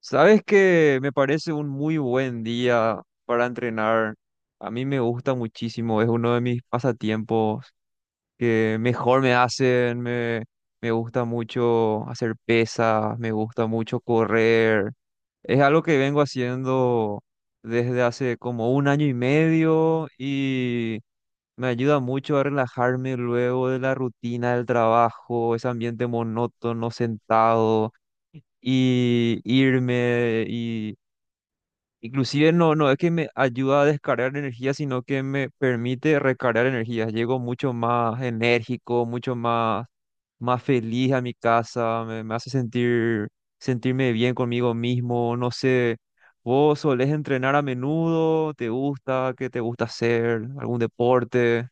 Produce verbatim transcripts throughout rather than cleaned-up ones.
Sabes que me parece un muy buen día para entrenar. A mí me gusta muchísimo, es uno de mis pasatiempos que mejor me hacen. Me, me gusta mucho hacer pesas, me gusta mucho correr. Es algo que vengo haciendo desde hace como un año y medio y me ayuda mucho a relajarme luego de la rutina del trabajo, ese ambiente monótono, sentado y irme y. Inclusive no, no es que me ayuda a descargar energía, sino que me permite recargar energía. Llego mucho más enérgico, mucho más, más feliz a mi casa, me, me hace sentir, sentirme bien conmigo mismo. No sé, ¿vos solés entrenar a menudo? ¿Te gusta? ¿Qué te gusta hacer? ¿Algún deporte?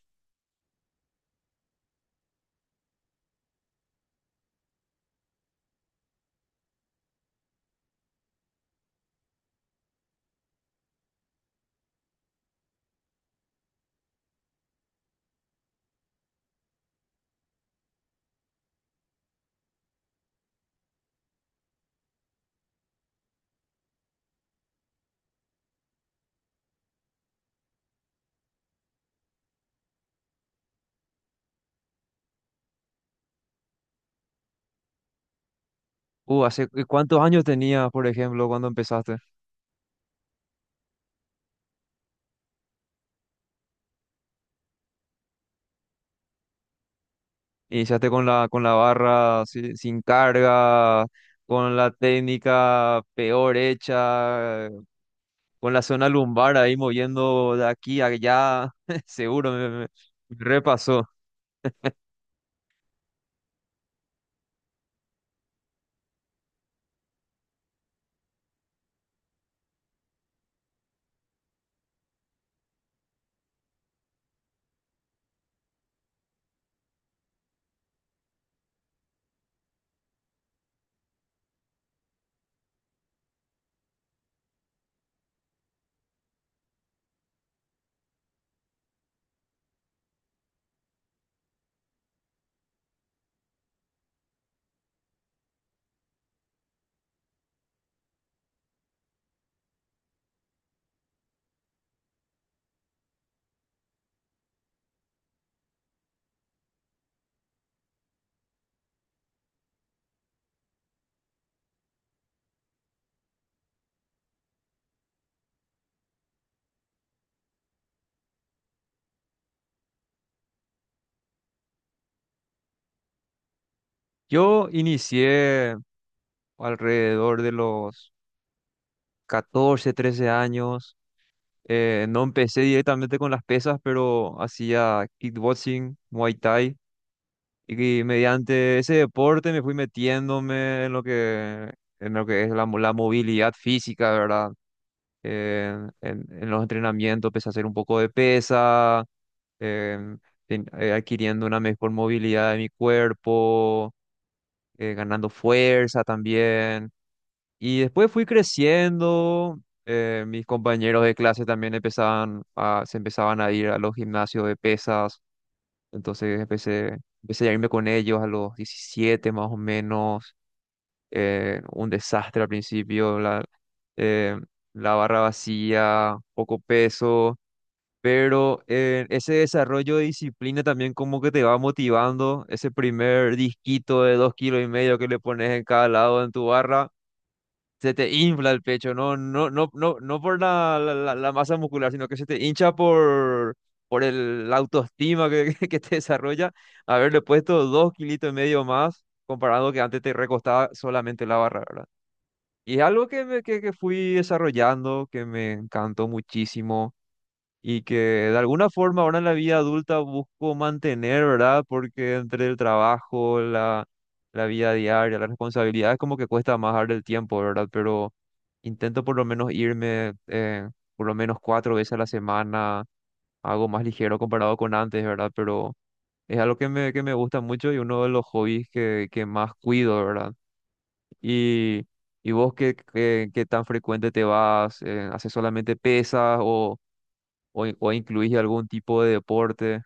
Uh, ¿hace cuántos años tenías, por ejemplo, cuando empezaste? Iniciaste con la, con la barra si- sin carga, con la técnica peor hecha, eh, con la zona lumbar ahí moviendo de aquí a allá, seguro me, me- me repasó. Yo inicié alrededor de los catorce trece años. eh, no empecé directamente con las pesas, pero hacía kickboxing, Muay Thai. Y que mediante ese deporte me fui metiéndome en lo que, en lo que es la, mo- la movilidad física, ¿verdad? Eh, en, en los entrenamientos empecé a hacer un poco de pesa, em, ten- eh, adquiriendo una mejor movilidad de mi cuerpo, eh, ganando fuerza también. Y después fui creciendo. Eh, mis compañeros de clase también empezaban a, se empezaban a ir a los gimnasios de pesas. Entonces empecé, empecé a irme con ellos a los diecisiete más o menos. eh, un desastre al principio, la, eh, la barra vacía, poco peso, pero eh, ese desarrollo de disciplina también como que te va motivando. Ese primer disquito de dos kilos y medio que le pones en cada lado en tu barra se te infla el pecho, no, no, no, no, no por la, la, la- la masa muscular, sino que se te hincha por, por el, la autoestima que, que, que te desarrolla. Haberle puesto dos kilitos y medio más, comparado que antes te recostaba solamente la barra, ¿verdad? Y es algo que, me, que, que fui desarrollando, que me encantó muchísimo y que de alguna forma ahora en la vida adulta busco mantener, ¿verdad? Porque entre el trabajo, la, la vida diaria, las responsabilidades, como que cuesta más darle el tiempo, ¿verdad? Pero intento por lo menos irme eh, por lo menos cuatro veces a la semana, algo más ligero comparado con antes, ¿verdad? Pero es algo que me, que me gusta mucho y uno de los hobbies que, que más cuido, ¿verdad? Y, y vos, ¿qué, qué, qué tan frecuente te vas? Eh, ¿haces solamente pesas o o, in- o incluís algún tipo de deporte?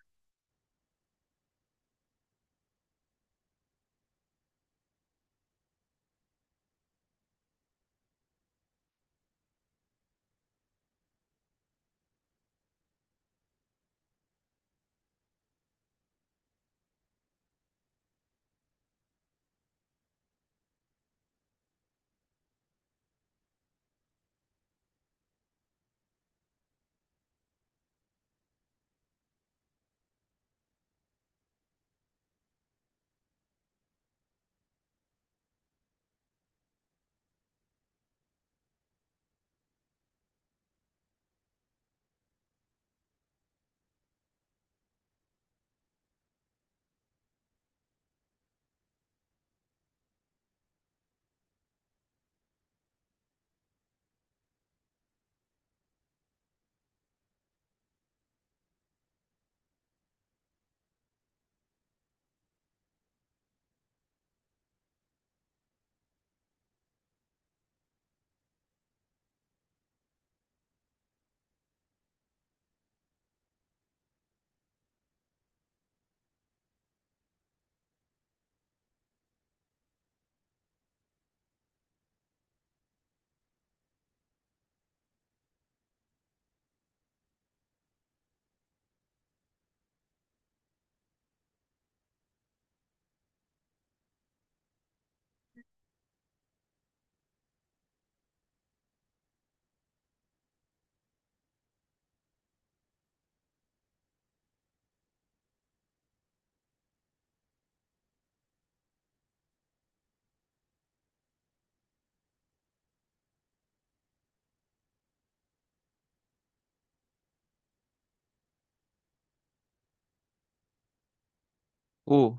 Uh,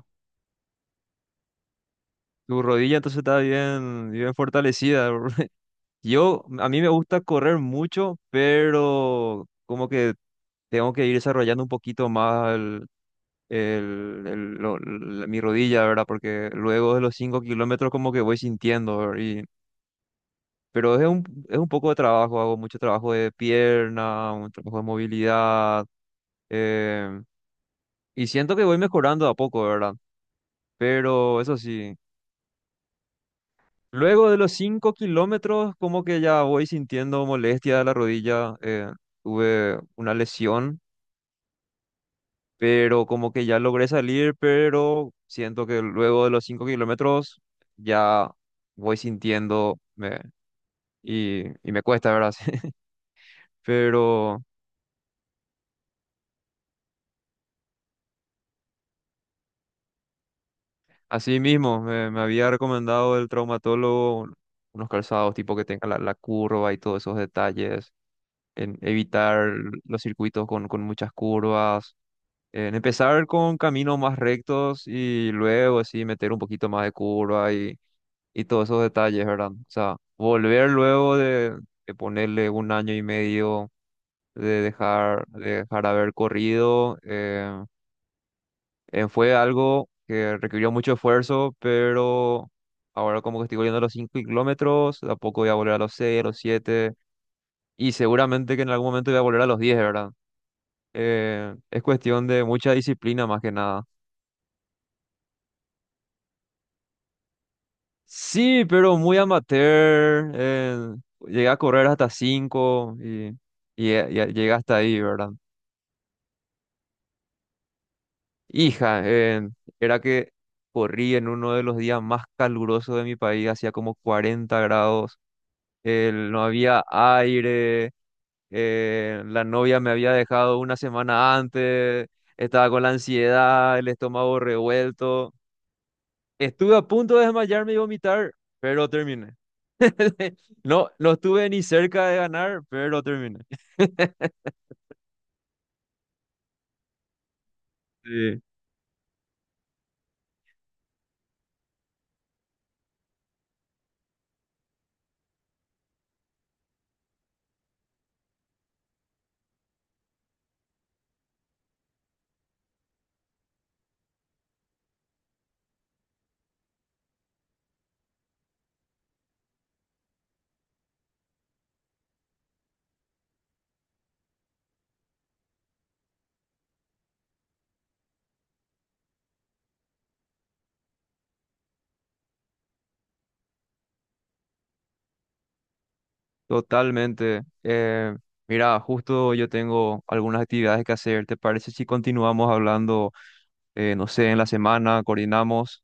Tu rodilla entonces está bien, bien fortalecida. Yo, a mí me gusta correr mucho, pero como que tengo que ir desarrollando un poquito más el, el- el- lo- la- mi rodilla, ¿verdad? Porque luego de los cinco kilómetros como que voy sintiendo, ¿verdad? Y- pero es un, es un poco de trabajo, hago mucho trabajo de pierna, un trabajo de movilidad, em, y siento que voy mejorando de a poco, ¿verdad? Pero eso sí. Luego de los cinco kilómetros, como que ya voy sintiendo molestia de la rodilla. eh, tuve una lesión, pero como que ya logré salir, pero siento que luego de los cinco kilómetros ya voy sintiendo me- y, y me cuesta, ¿verdad? Pero así mismo, me, me había recomendado el traumatólogo unos calzados tipo que tenga la, la curva y todos esos detalles, en evitar los circuitos con, con muchas curvas, en empezar con caminos más rectos y luego así meter un poquito más de curva y, y todos esos detalles, ¿verdad? O sea, volver luego de, de ponerle un año y medio de dejar, de dejar haber corrido, eh, eh, fue algo que requirió mucho esfuerzo, pero ahora como que estoy volviendo a los cinco kilómetros, de a poco voy a volver a los seis a los siete y seguramente que en algún momento voy a volver a los diez, ¿verdad? Eh, es cuestión de mucha disciplina más que nada. Sí, pero muy amateur. eh, llegué a correr hasta cinco y, y, eh, ya- llegué hasta ahí, ¿verdad? Hija, eh, era que corrí en uno de los días más calurosos de mi país, hacía como cuarenta grados, el- no había aire, eh, la novia me había dejado una semana antes, estaba con la ansiedad, el estómago revuelto. Estuve a punto de desmayarme y vomitar, pero terminé. No, no estuve ni cerca de ganar, pero terminé. Sí, totalmente. Eh, mira, justo yo tengo algunas actividades que hacer. ¿Te parece si continuamos hablando, eh, no sé, en la semana, coordinamos?